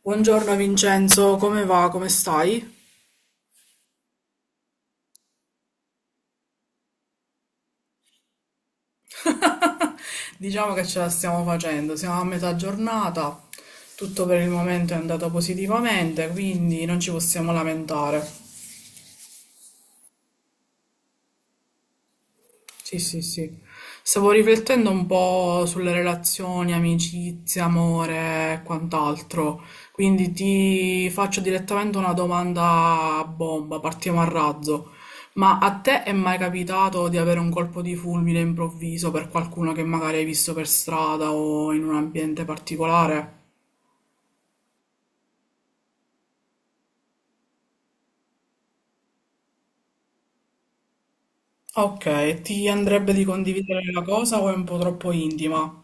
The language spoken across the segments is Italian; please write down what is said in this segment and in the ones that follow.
Buongiorno Vincenzo, come va? Come stai? Diciamo che ce la stiamo facendo, siamo a metà giornata, tutto per il momento è andato positivamente, quindi non ci possiamo lamentare. Sì, sì, sì. Stavo riflettendo un po' sulle relazioni, amicizia, amore e quant'altro. Quindi ti faccio direttamente una domanda a bomba, partiamo a razzo. Ma a te è mai capitato di avere un colpo di fulmine improvviso per qualcuno che magari hai visto per strada o in un ambiente particolare? Ok, ti andrebbe di condividere la cosa o è un po' troppo intima?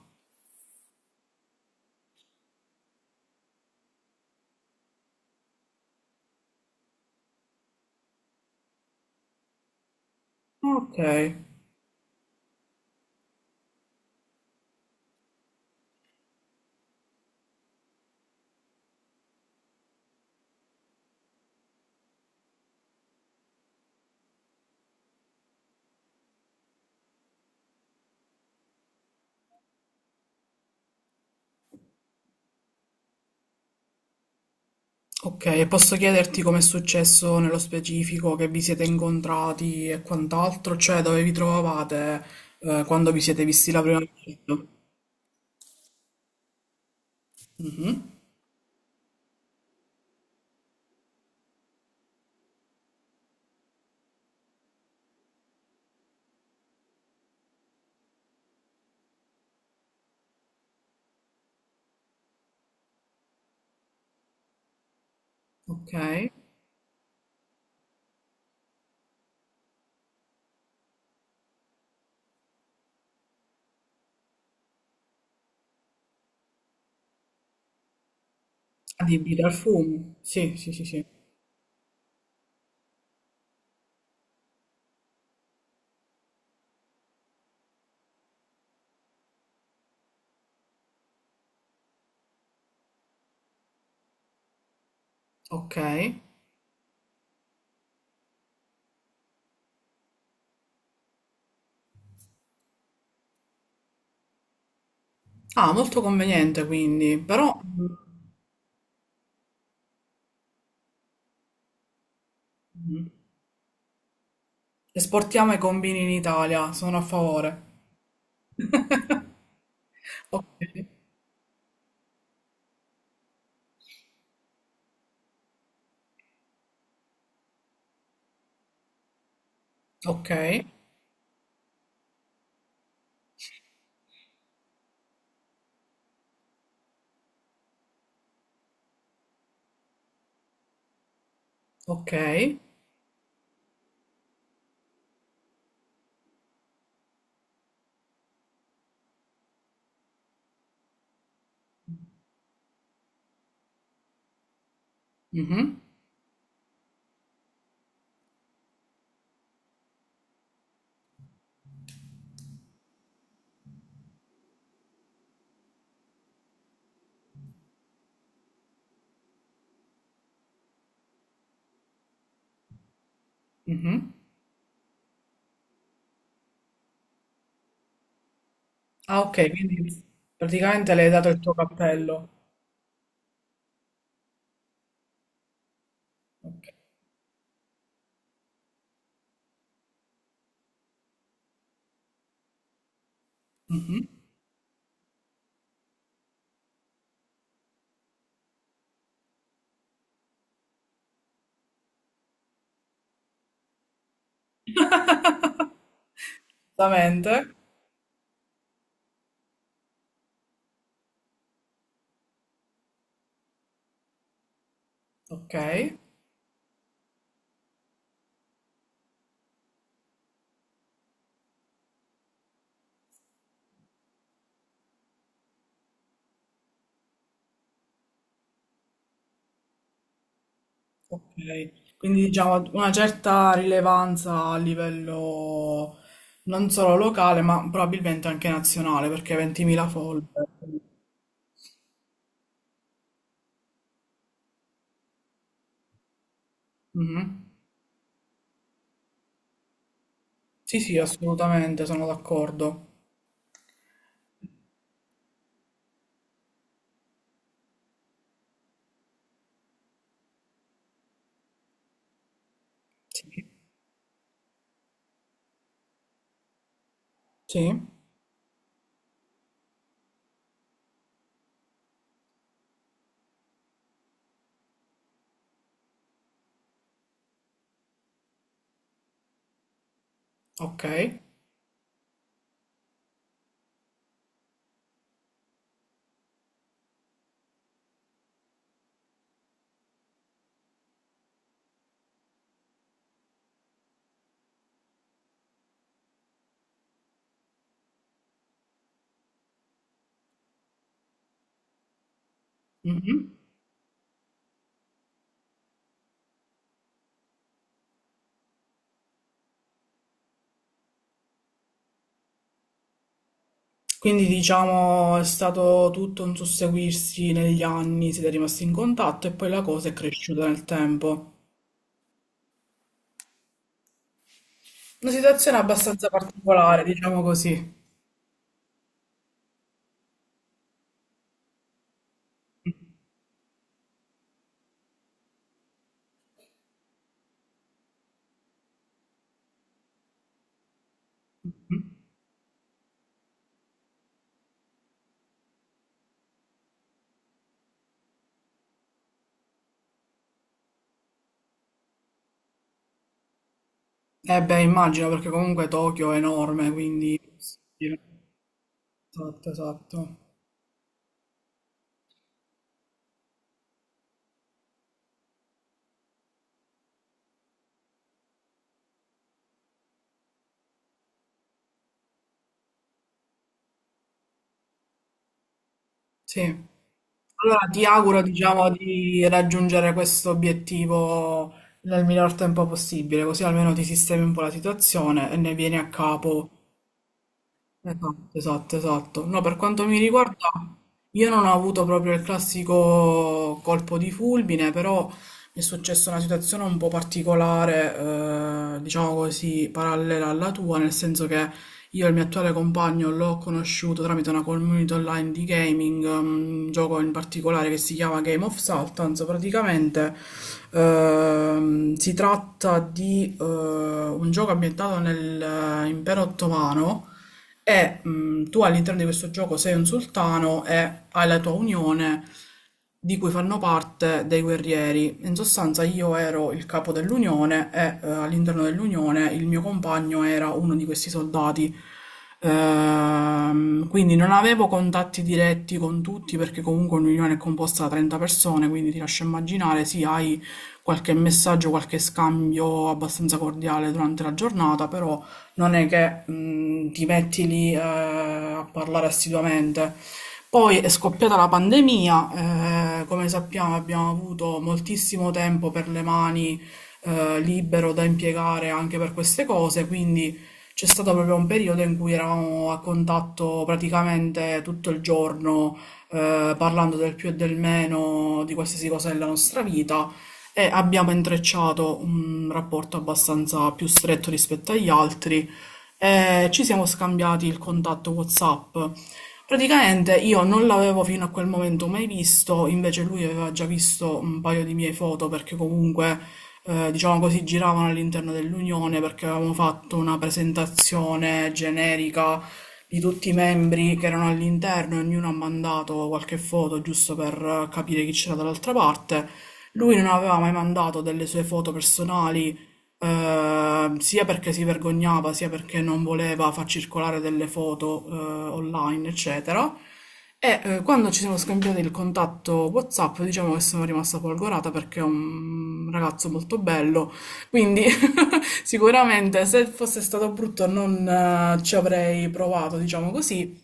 Ok. Ok, e posso chiederti com'è successo nello specifico, che vi siete incontrati e quant'altro, cioè dove vi trovavate quando vi siete visti la prima volta? Mhm. Ok, adibito al fumo. Sì, sì, sì, sì. Ok. Ah, molto conveniente quindi, però mhm. Esportiamo i combini in Italia, sono a favore. Ok, ok, ok. Mhm, mhm. Ah, ok, quindi praticamente le hai dato il tuo cappello. Ok. Mhm. Esattamente. Ok. Ok. Quindi diciamo una certa rilevanza a livello non solo locale, ma probabilmente anche nazionale, perché 20.000 follower. Mhm. Sì, sì, assolutamente, sono d'accordo. Sì. Sì. Ok. Mhm. Quindi diciamo è stato tutto un susseguirsi negli anni, siete rimasti in contatto e poi la cosa è cresciuta nel tempo. Una situazione abbastanza particolare, diciamo così. Eh beh, immagino perché comunque Tokyo è enorme, quindi... sì, esatto, esatto. Sì. Allora ti auguro, diciamo, di raggiungere questo obiettivo nel miglior tempo possibile, così almeno ti sistemi un po' la situazione e ne vieni a capo. Esatto, esatto, esatto. No, per quanto mi riguarda, io non ho avuto proprio il classico colpo di fulmine, però mi è successa una situazione un po' particolare, diciamo così, parallela alla tua, nel senso che io il mio attuale compagno l'ho conosciuto tramite una community online di gaming, un gioco in particolare che si chiama Game of Sultans. Praticamente si tratta di un gioco ambientato nell'impero ottomano e tu all'interno di questo gioco sei un sultano e hai la tua unione di cui fanno parte dei guerrieri. In sostanza io ero il capo dell'unione e all'interno dell'unione il mio compagno era uno di questi soldati. Quindi non avevo contatti diretti con tutti perché comunque un'unione è composta da 30 persone, quindi ti lascio immaginare, sì, hai qualche messaggio, qualche scambio abbastanza cordiale durante la giornata, però non è che ti metti lì a parlare assiduamente. Poi è scoppiata la pandemia, come sappiamo abbiamo avuto moltissimo tempo per le mani libero da impiegare anche per queste cose, quindi c'è stato proprio un periodo in cui eravamo a contatto praticamente tutto il giorno, parlando del più e del meno di qualsiasi cosa della nostra vita e abbiamo intrecciato un rapporto abbastanza più stretto rispetto agli altri e ci siamo scambiati il contatto WhatsApp. Praticamente io non l'avevo fino a quel momento mai visto, invece lui aveva già visto un paio di mie foto perché comunque, diciamo così, giravano all'interno dell'Unione perché avevamo fatto una presentazione generica di tutti i membri che erano all'interno e ognuno ha mandato qualche foto giusto per capire chi c'era dall'altra parte. Lui non aveva mai mandato delle sue foto personali, sia perché si vergognava, sia perché non voleva far circolare delle foto, online, eccetera. E quando ci siamo scambiati il contatto WhatsApp, diciamo che sono rimasta folgorata perché è un ragazzo molto bello, quindi sicuramente se fosse stato brutto non ci avrei provato, diciamo così.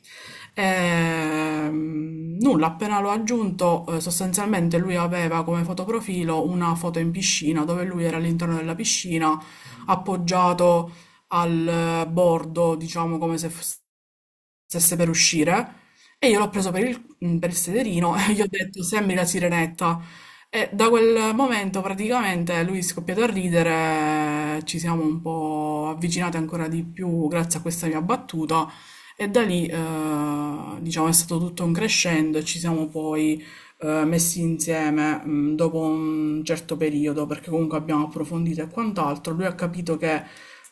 Nulla, appena l'ho aggiunto, sostanzialmente lui aveva come fotoprofilo una foto in piscina dove lui era all'interno della piscina appoggiato al bordo, diciamo come se fosse stesse per uscire, e io l'ho preso per il, per il sederino e gli ho detto sembri la sirenetta, e da quel momento praticamente lui è scoppiato a ridere, ci siamo un po' avvicinati ancora di più grazie a questa mia battuta e da lì diciamo è stato tutto un crescendo e ci siamo poi messi insieme dopo un certo periodo, perché comunque abbiamo approfondito e quant'altro, lui ha capito che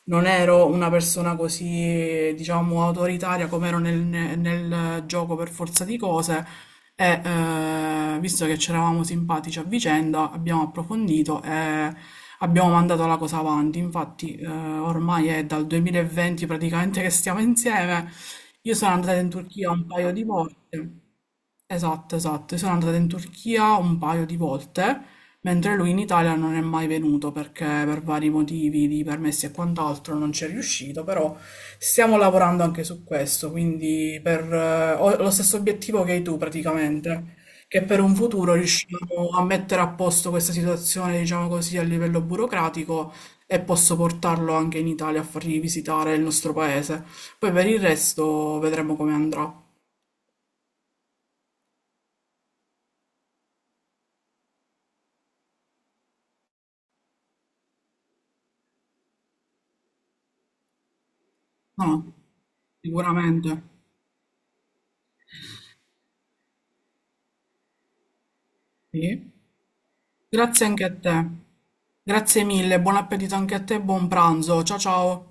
non ero una persona così, diciamo, autoritaria come ero nel gioco per forza di cose. E visto che c'eravamo simpatici a vicenda, abbiamo approfondito e abbiamo mandato la cosa avanti. Infatti, ormai è dal 2020 praticamente che stiamo insieme. Io sono andata in Turchia un paio di volte. Esatto, esatto. Io sono andata in Turchia un paio di volte, mentre lui in Italia non è mai venuto perché per vari motivi di permessi e quant'altro non ci è riuscito, però stiamo lavorando anche su questo, quindi per, ho lo stesso obiettivo che hai tu praticamente, che per un futuro riusciamo a mettere a posto questa situazione, diciamo così, a livello burocratico, e posso portarlo anche in Italia a fargli visitare il nostro paese. Poi per il resto vedremo come andrà. No, sicuramente. Sì. Grazie anche a te. Grazie mille, buon appetito anche a te e buon pranzo. Ciao ciao.